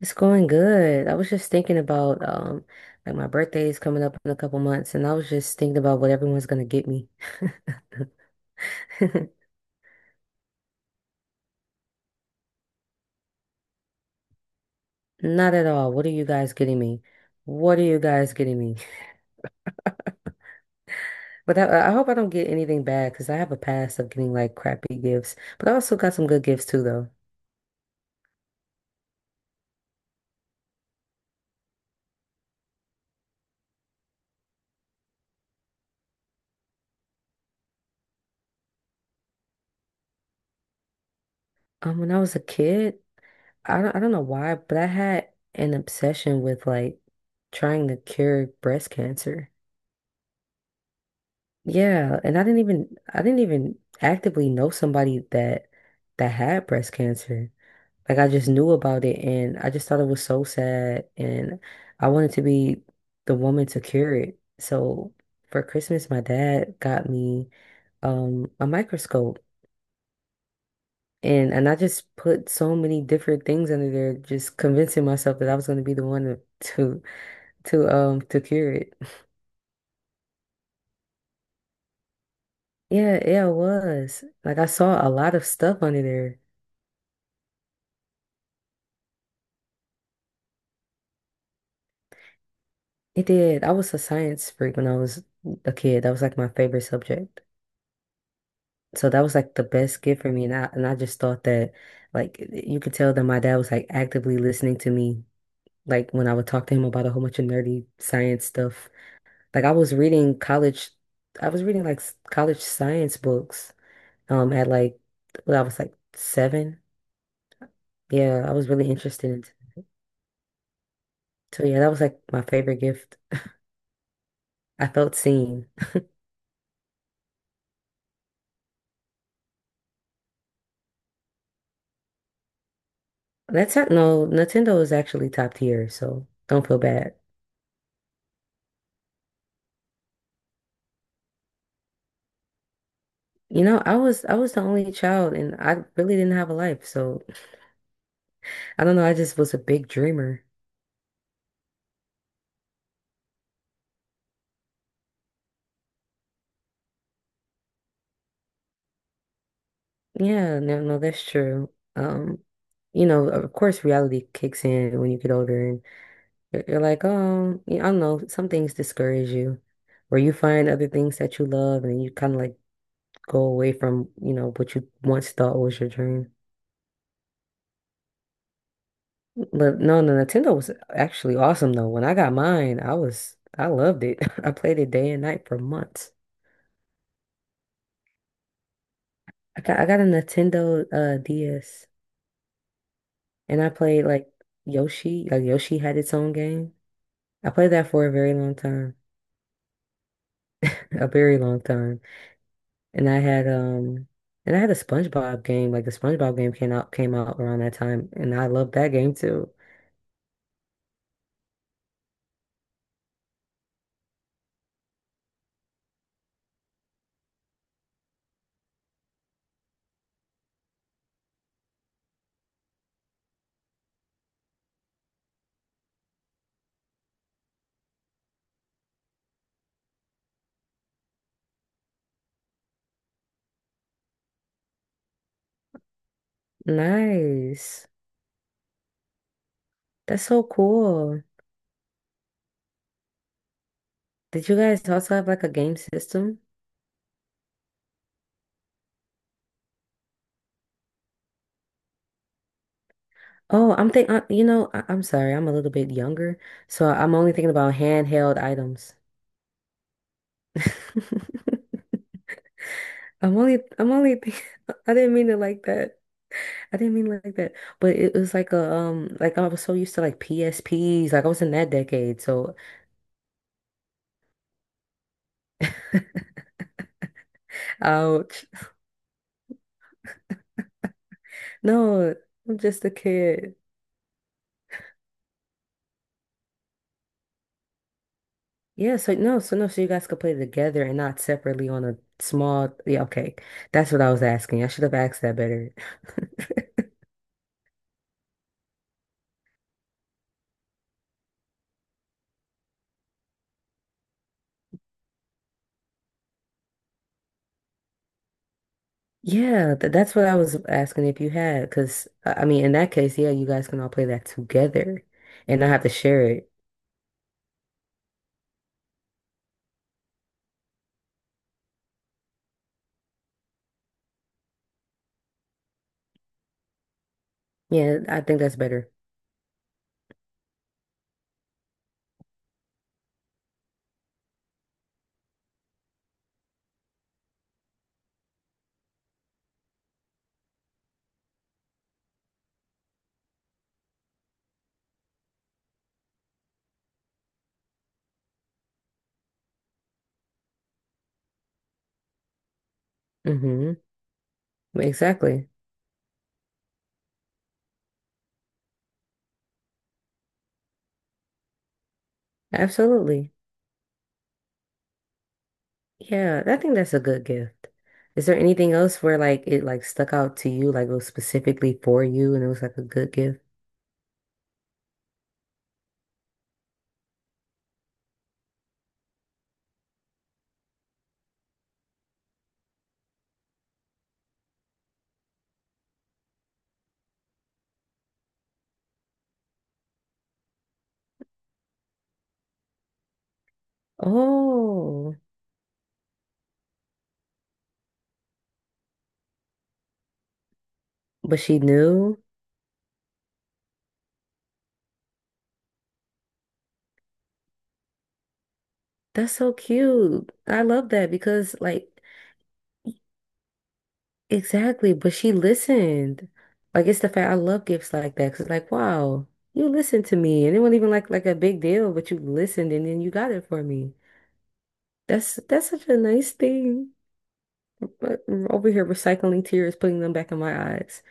It's going good. I was just thinking about like my birthday is coming up in a couple months and I was just thinking about what everyone's gonna get me. Not at all. What are you guys getting me? What are you guys getting me? But I hope I don't get anything bad because I have a past of getting like crappy gifts. But I also got some good gifts too though. When I was a kid, I don't know why, but I had an obsession with like trying to cure breast cancer. Yeah, and I didn't even actively know somebody that had breast cancer. Like I just knew about it and I just thought it was so sad and I wanted to be the woman to cure it. So for Christmas my dad got me a microscope and I just put so many different things under there just convincing myself that I was going to be the one to to cure it. Yeah, yeah, it was. Like I saw a lot of stuff under there. It did. I was a science freak when I was a kid. That was like my favorite subject. So that was like the best gift for me. And I just thought that like you could tell that my dad was like actively listening to me, like when I would talk to him about a whole bunch of nerdy science stuff. Like I was reading college I was reading like college science books at like when I was like seven. Yeah, I was really interested in so yeah, that was like my favorite gift. I felt seen. That's not, no, Nintendo is actually top tier, so don't feel bad. You know, I was the only child and I really didn't have a life, so I don't know, I just was a big dreamer. Yeah, no, no, that's true. Um, you know, of course reality kicks in when you get older and you're like, oh, you I don't know, some things discourage you or you find other things that you love and you kind of like go away from, you know, what you once thought was your dream. But no, the Nintendo was actually awesome though. When I got mine, I loved it. I played it day and night for months. I got a Nintendo DS and I played like Yoshi. Like Yoshi had its own game. I played that for a very long time. A very long time. And I had a SpongeBob game. Like the SpongeBob game came out around that time and I loved that game too. Nice. That's so cool. Did you guys also have like a game system? Oh, I'm sorry, I'm a little bit younger, so I'm only thinking about handheld items. I'm only think I didn't mean it like that. I didn't mean it like that. But it was like a like I was so used to like PSPs, like I was in that decade. So, ouch. No, I'm just a kid. Yeah, so no, so no, so you guys could play together and not separately on a small. Yeah, okay. That's what I was asking. I should have asked that better. Yeah, th that's what I was asking if you had, because I mean, in that case, yeah, you guys can all play that together and not have to share it. Yeah, I think that's better. Mm-hmm. Exactly. Absolutely. Yeah, I think that's a good gift. Is there anything else where like it like stuck out to you, like it was specifically for you and it was like a good gift? Oh, but she knew. That's so cute. I love that because like exactly, but she listened. Like it's the fact I love gifts like that 'cause it's like, wow, you listened to me and it wasn't even like a big deal, but you listened and then you got it for me. That's such a nice thing. But over here recycling tears, putting them back in my eyes.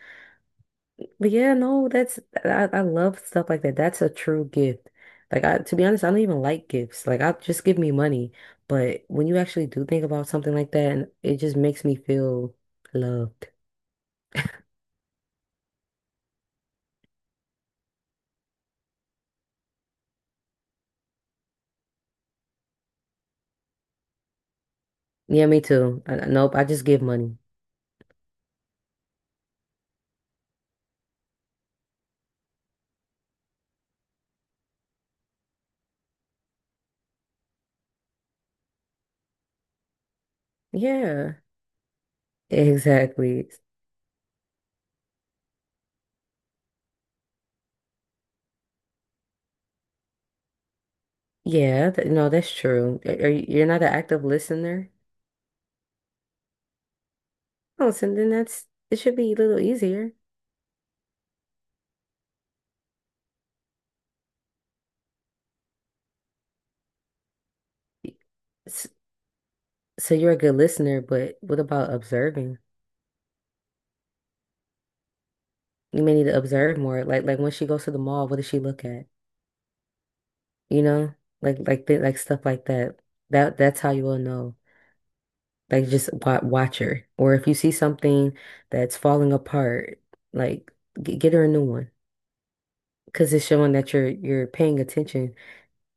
But yeah, no, that's I love stuff like that. That's a true gift. Like I, to be honest, I don't even like gifts. Like I just give me money. But when you actually do think about something like that, and it just makes me feel loved. Yeah, me too. Nope, I just give money. Yeah, exactly. Yeah, th no, that's true. You're not an active listener? Oh, so then that's it should be a little easier. Y- s- So you're a good listener, but what about observing? You may need to observe more. When she goes to the mall, what does she look at? You know, like stuff like that. That's how you will know. Like just wa watch her, or if you see something that's falling apart, like g get her a new one, because it's showing that you're paying attention.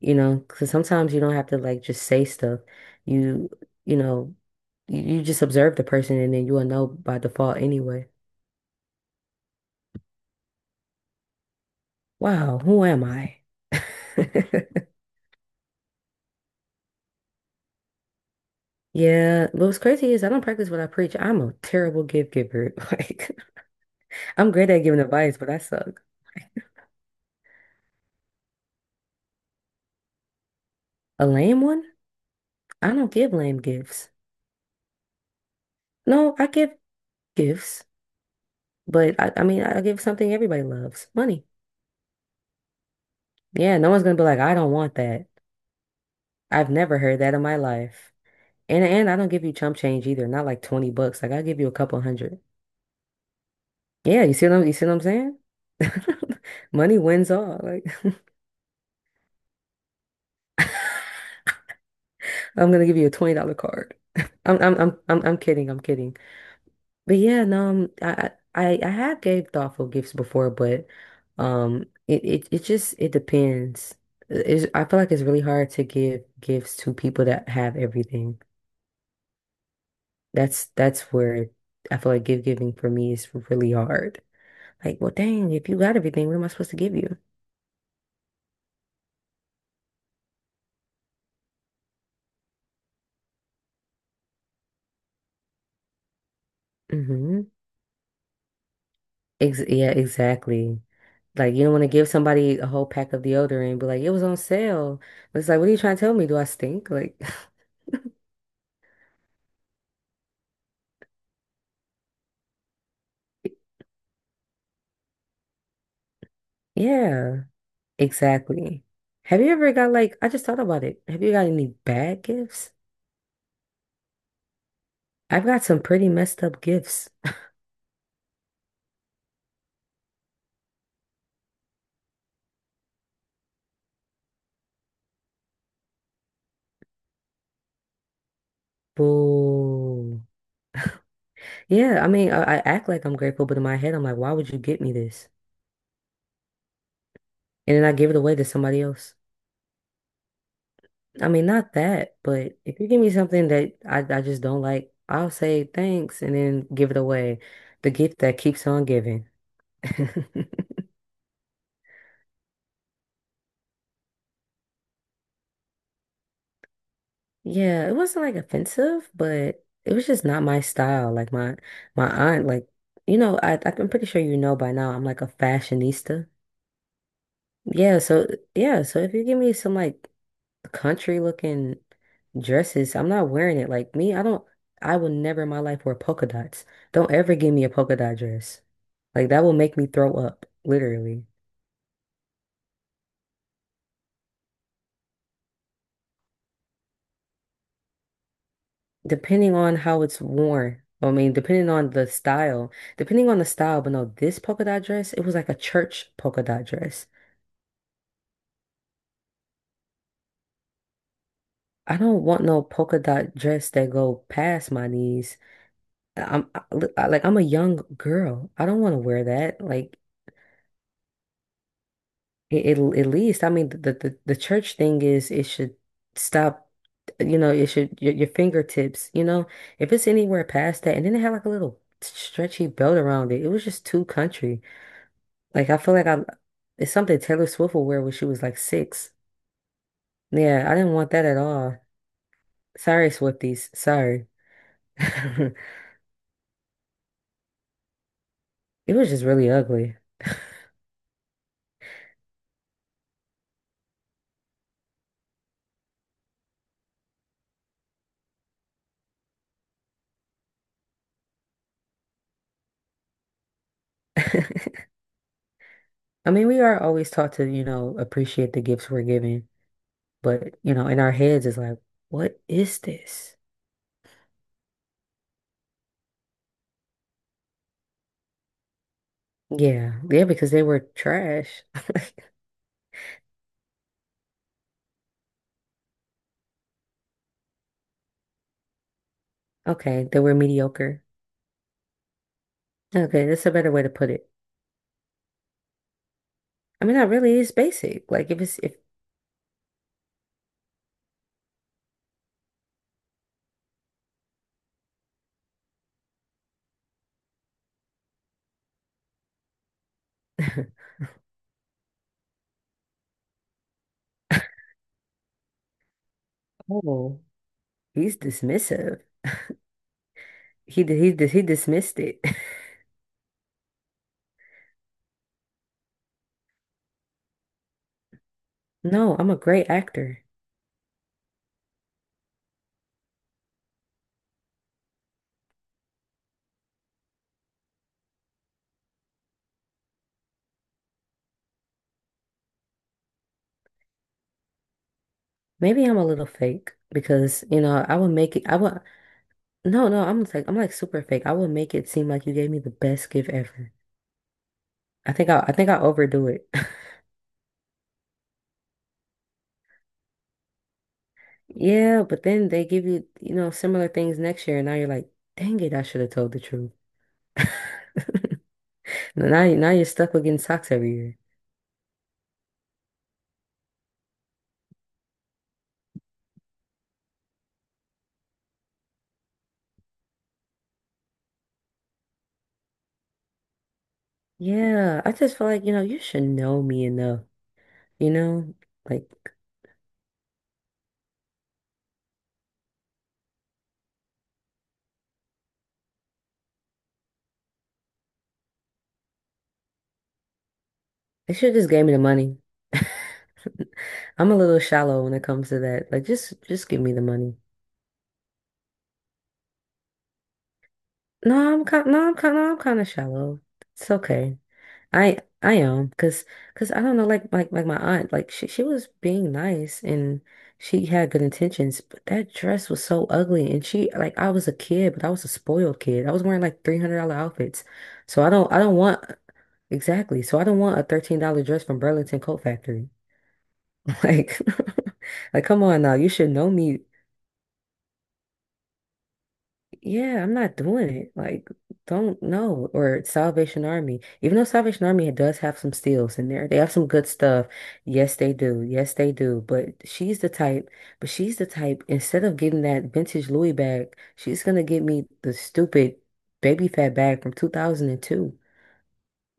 You know, because sometimes you don't have to like just say stuff. You you know, you just observe the person, and then you will know by default anyway. Wow, who am I? Yeah, but what's crazy is I don't practice what I preach. I'm a terrible gift giver. Like, I'm great at giving advice, but I suck. A lame one? I don't give lame gifts. No, I give gifts, but I mean, I give something everybody loves, money. Yeah, no one's gonna be like, I don't want that. I've never heard that in my life. And I don't give you chump change either, not like 20 bucks. Like I give you a couple hundred. Yeah, you see what I'm saying? Money wins all. Like I'm gonna give you a $20 card. I'm kidding, I'm kidding. But yeah, no, I have gave thoughtful gifts before, but it just it depends. It's, I feel like it's really hard to give gifts to people that have everything. That's where I feel like gift giving for me is really hard. Like, well, dang, if you got everything, what am I supposed to give you? Mm-hmm. Ex yeah, exactly. Like you don't want to give somebody a whole pack of deodorant, but like it was on sale. But it's like, what are you trying to tell me? Do I stink? Like, yeah, exactly. Have you ever got like, I just thought about it. Have you got any bad gifts? I've got some pretty messed up gifts. Boo. Yeah, I mean, I act like I'm grateful, but in my head, I'm like, why would you get me this? And then I give it away to somebody else. I mean, not that, but if you give me something that I just don't like, I'll say thanks and then give it away. The gift that keeps on giving. Yeah, it wasn't like offensive, but it was just not my style. Like my aunt, like you know, I'm pretty sure you know by now. I'm like a fashionista. Yeah, so yeah, so if you give me some like country looking dresses, I'm not wearing it. Like me, I don't. I will never in my life wear polka dots. Don't ever give me a polka dot dress. Like that will make me throw up, literally. Depending on how it's worn, I mean, depending on the style, depending on the style, but no, this polka dot dress, it was like a church polka dot dress. I don't want no polka dot dress that go past my knees. Look, like I'm a young girl. I don't want to wear that. Like it at least, I mean, the church thing is it should stop. You know, it should your fingertips. You know, if it's anywhere past that, and then it had like a little stretchy belt around it. It was just too country. Like I feel like I It's something Taylor Swift will wear when she was like six. Yeah, I didn't want that at all. Sorry, Swifties. Sorry. It was just really ugly. I mean, we are always taught to, you know, appreciate the gifts we're given, but you know, in our heads it's like, what is this? Yeah, yeah, because they were trash. Okay, they were mediocre. Okay, that's a better way to put it. I mean, that really is basic. Like if it's if oh, he's dismissive. He dismissed it. No, I'm a great actor. Maybe I'm a little fake because, you know, I would, no, no, I'm like super fake. I would make it seem like you gave me the best gift ever. I think I overdo it. Yeah, but then they give you, you know, similar things next year, and now you're like, dang it, I should have told the truth. Now you're stuck with getting socks every year. Yeah, I just feel like, you know, you should know me enough, you know, like. They should just gave me the money. I'm a little shallow when it comes to that. Like just give me the money. No, I'm kind of shallow. It's okay. I am because I don't know like my aunt like she was being nice and she had good intentions but that dress was so ugly and she like I was a kid but I was a spoiled kid. I was wearing like $300 outfits. So I don't want exactly. So I don't want a $13 dress from Burlington Coat Factory. Like, like, come on now, you should know me. Yeah, I'm not doing it. Like, don't know. Or Salvation Army. Even though Salvation Army does have some steals in there, they have some good stuff. Yes, they do. Yes, they do. But she's the type, instead of getting that vintage Louis bag, she's gonna get me the stupid baby fat bag from 2002.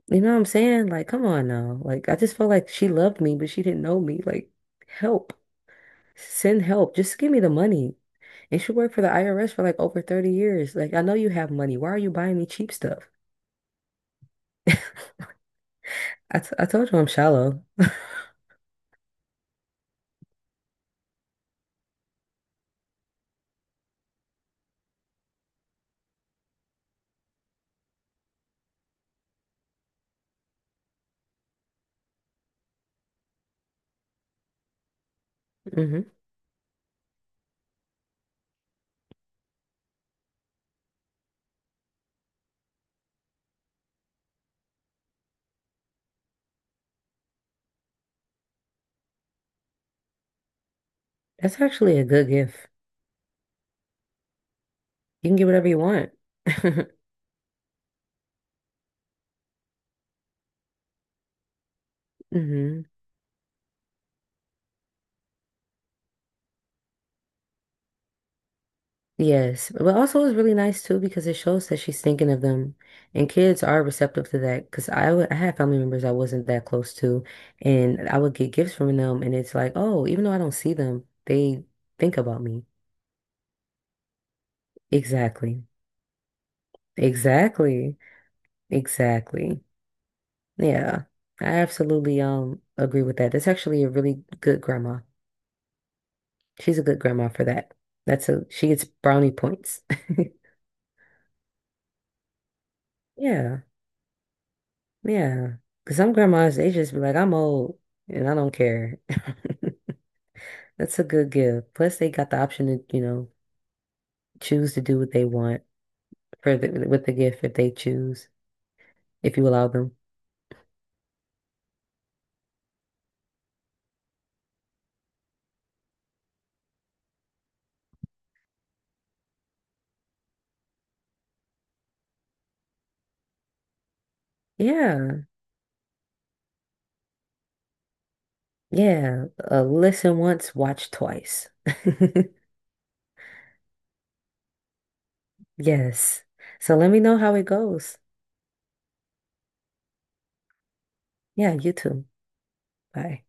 You know what I'm saying? Like, come on now. Like, I just felt like she loved me, but she didn't know me. Like, help. Send help. Just give me the money. You should work for the IRS for like over 30 years. Like, I know you have money. Why are you buying me cheap stuff? I told you I'm shallow. Hmm. That's actually a good gift. You can get whatever you want. Hmm. Yes, but also it's really nice too because it shows that she's thinking of them, and kids are receptive to that. Because I would, I had family members I wasn't that close to, and I would get gifts from them, and it's like, oh, even though I don't see them, they think about me. Exactly, exactly, exactly. Yeah, I absolutely agree with that. That's actually a really good grandma. She's a good grandma for that. That's a she gets brownie points. Yeah. Yeah. Because some grandmas, they just be like, I'm old and I don't care. That's a good gift. Plus, they got the option to, you know, choose to do what they want for the, with the gift if they choose, if you allow them. Yeah. Yeah. Listen once, watch twice. Yes. So let me know how it goes. Yeah, you too. Bye.